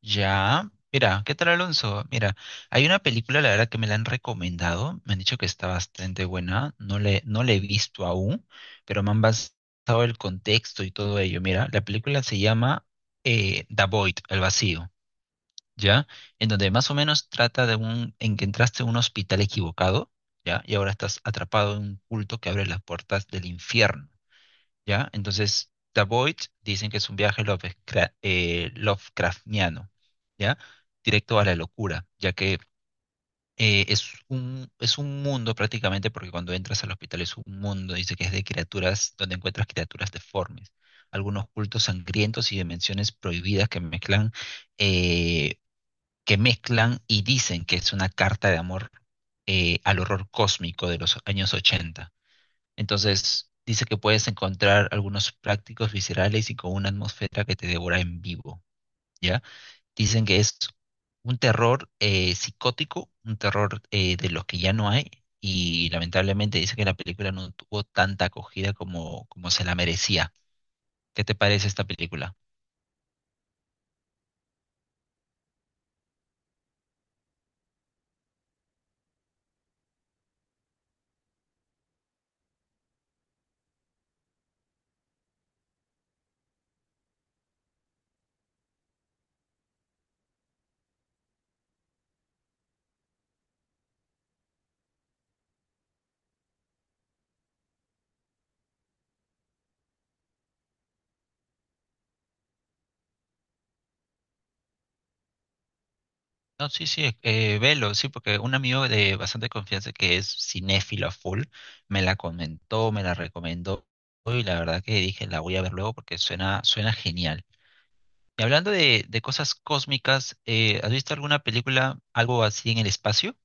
Ya, mira, ¿qué tal Alonso? Mira, hay una película, la verdad que me la han recomendado, me han dicho que está bastante buena, no la he visto aún, pero me han basado el contexto y todo ello. Mira, la película se llama The Void, El Vacío, ¿ya? En donde más o menos trata de un, en que entraste a un hospital equivocado, ¿ya? Y ahora estás atrapado en un culto que abre las puertas del infierno. ¿Ya? Entonces, The Void dicen que es un viaje Lovecraftiano, ¿ya? Directo a la locura, ya que es un mundo prácticamente, porque cuando entras al hospital es un mundo, dice que es de criaturas, donde encuentras criaturas deformes, algunos cultos sangrientos y dimensiones prohibidas eh, que mezclan y dicen que es una carta de amor al horror cósmico de los años 80. Entonces, dice que puedes encontrar algunos prácticos viscerales y con una atmósfera que te devora en vivo, ¿ya? Dicen que es un terror psicótico, un terror de los que ya no hay, y lamentablemente dice que la película no tuvo tanta acogida como, como se la merecía. ¿Qué te parece esta película? No, sí, sí, velo, sí, porque un amigo de bastante confianza que es cinéfilo a full me la comentó, me la recomendó y la verdad que dije la voy a ver luego porque suena, suena genial. Y hablando de cosas cósmicas, ¿has visto alguna película, algo así en el espacio?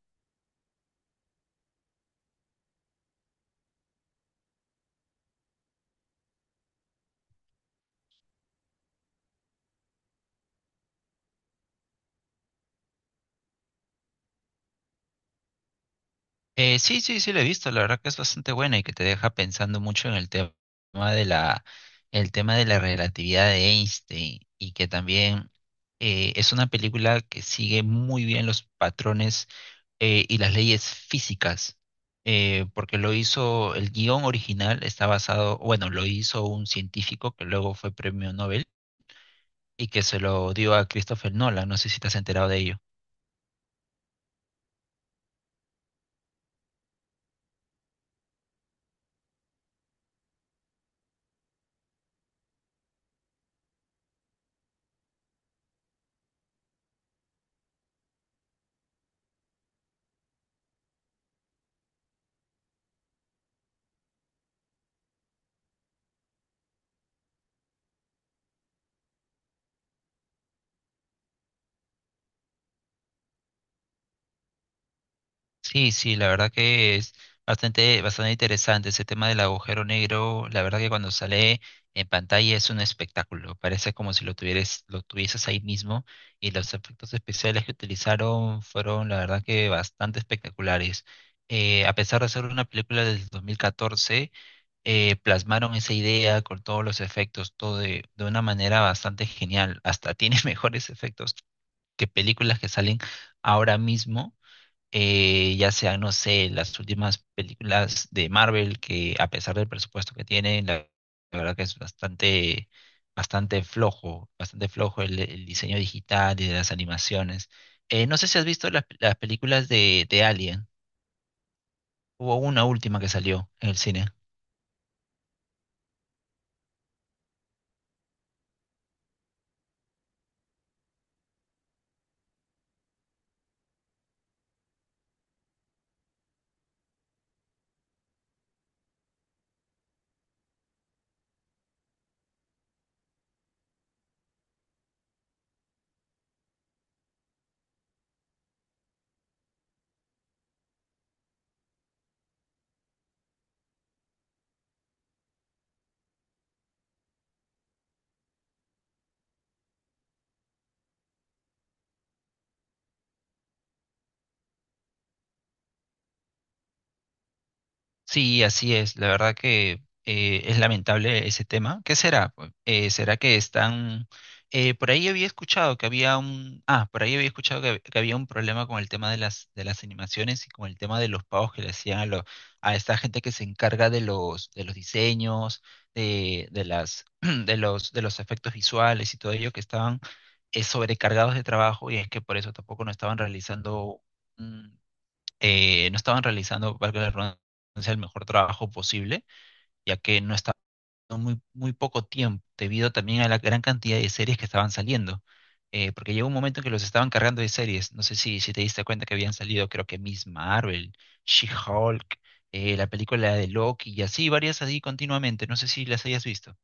Sí, sí, sí, la he visto, la verdad que es bastante buena y que te deja pensando mucho en el tema de la, el tema de la relatividad de Einstein y que también es una película que sigue muy bien los patrones y las leyes físicas, porque lo hizo, el guión original está basado, bueno, lo hizo un científico que luego fue premio Nobel y que se lo dio a Christopher Nolan, no sé si te has enterado de ello. Sí, sí, la verdad que es bastante, bastante interesante ese tema del agujero negro. La verdad que cuando sale en pantalla es un espectáculo. Parece como si lo tuvieras, lo tuvieses ahí mismo. Y los efectos especiales que utilizaron fueron, la verdad que bastante espectaculares. A pesar de ser una película del 2014, plasmaron esa idea con todos los efectos, de una manera bastante genial. Hasta tiene mejores efectos que películas que salen ahora mismo, ya sea no sé, las últimas películas de Marvel, que a pesar del presupuesto que tienen, la verdad que es bastante, bastante flojo el diseño digital y de las animaciones. No sé si has visto las películas de Alien. Hubo una última que salió en el cine. Sí, así es. La verdad que es lamentable ese tema. ¿Qué será, pues? ¿Será que están... por ahí había escuchado que había un... Ah, por ahí había escuchado que había un problema con el tema de de las animaciones y con el tema de los pagos que le hacían a esta gente que se encarga de de los diseños, de las, de los efectos visuales y todo ello que estaban sobrecargados de trabajo y es que por eso tampoco no estaban realizando no estaban realizando, valga la redundancia, el mejor trabajo posible, ya que no estaban muy, muy poco tiempo, debido también a la gran cantidad de series que estaban saliendo. Porque llegó un momento en que los estaban cargando de series. No sé si, si te diste cuenta que habían salido, creo que Miss Marvel, She-Hulk, la película de Loki y así, varias así continuamente. No sé si las hayas visto.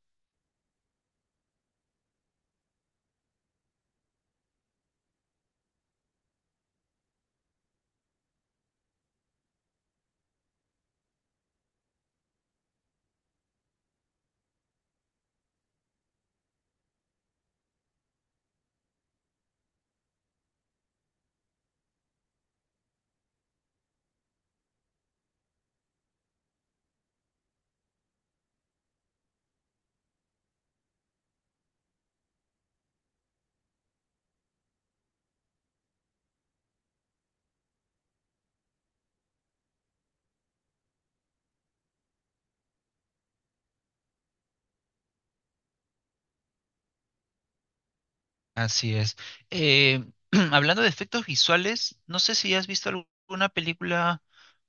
Así es. Eh, hablando de efectos visuales, no sé si has visto alguna película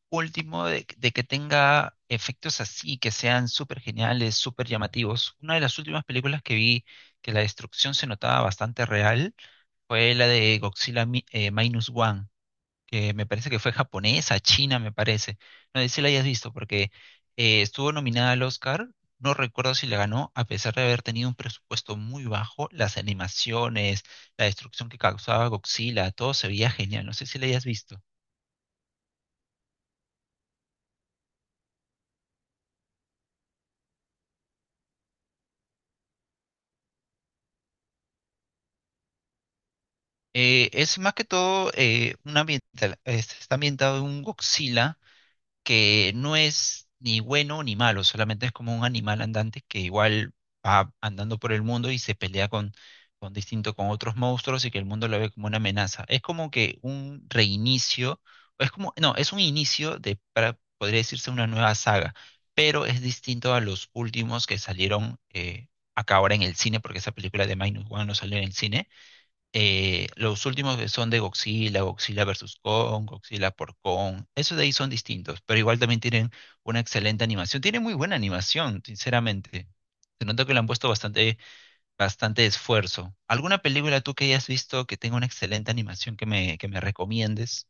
último de que tenga efectos así, que sean súper geniales, súper llamativos. Una de las últimas películas que vi que la destrucción se notaba bastante real fue la de Godzilla Minus One, que me parece que fue japonesa, china, me parece. No sé si la hayas visto, porque estuvo nominada al Oscar. No recuerdo si la ganó, a pesar de haber tenido un presupuesto muy bajo, las animaciones, la destrucción que causaba Godzilla, todo se veía genial. No sé si la hayas visto. Es más que todo, un ambiental, está ambientado en un Godzilla que no es ni bueno ni malo, solamente es como un animal andante que igual va andando por el mundo y se pelea con distinto con otros monstruos y que el mundo lo ve como una amenaza. Es como que un reinicio, es como, no, es un inicio de, para, podría decirse una nueva saga, pero es distinto a los últimos que salieron, acá ahora en el cine, porque esa película de Minus One no salió en el cine. Los últimos que son de Godzilla, Godzilla versus Kong, Godzilla por Kong, esos de ahí son distintos, pero igual también tienen una excelente animación. Tienen muy buena animación, sinceramente. Se nota que le han puesto bastante, bastante esfuerzo. ¿Alguna película tú que hayas visto que tenga una excelente animación que me recomiendes?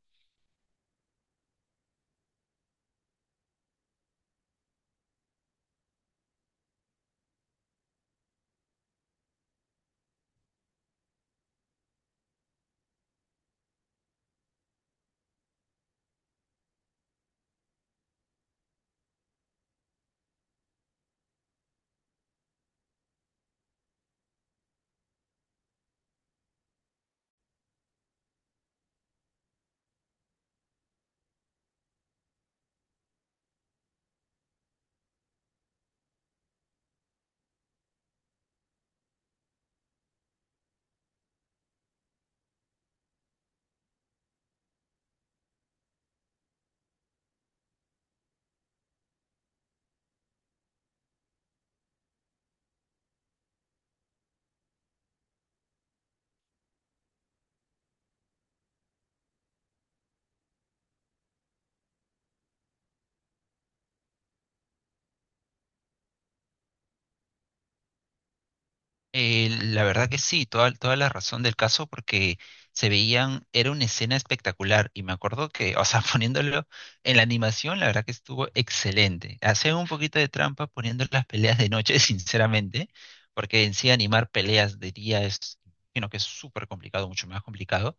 La verdad que sí, toda, toda la razón del caso, porque se veían, era una escena espectacular y me acuerdo que, o sea, poniéndolo en la animación, la verdad que estuvo excelente. Hacían un poquito de trampa poniendo las peleas de noche, sinceramente, porque en sí animar peleas de día es, sino que es súper complicado, mucho más complicado,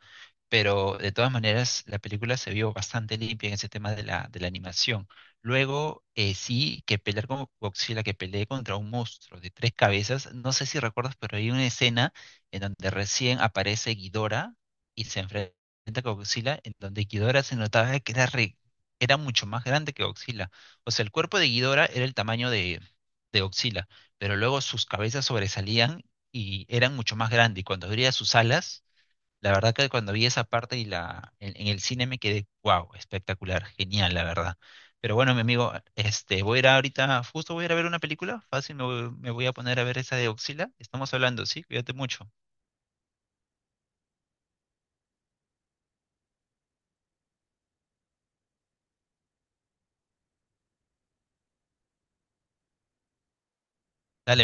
pero de todas maneras la película se vio bastante limpia en ese tema de de la animación. Luego, sí, que pelear con Godzilla, que pelee contra un monstruo de tres cabezas. No sé si recuerdas, pero hay una escena en donde recién aparece Ghidorah y se enfrenta con Godzilla, en donde Ghidorah se notaba que era mucho más grande que Godzilla. O sea, el cuerpo de Ghidorah era el tamaño de Godzilla, pero luego sus cabezas sobresalían y eran mucho más grandes. Y cuando abría sus alas, la verdad que cuando vi esa parte en el cine me quedé, wow, espectacular, genial, la verdad. Pero bueno, mi amigo, este, voy a ir ahorita, justo voy a ir a ver una película, fácil, me voy a poner a ver esa de Oxila. Estamos hablando, ¿sí? Cuídate mucho. Dale,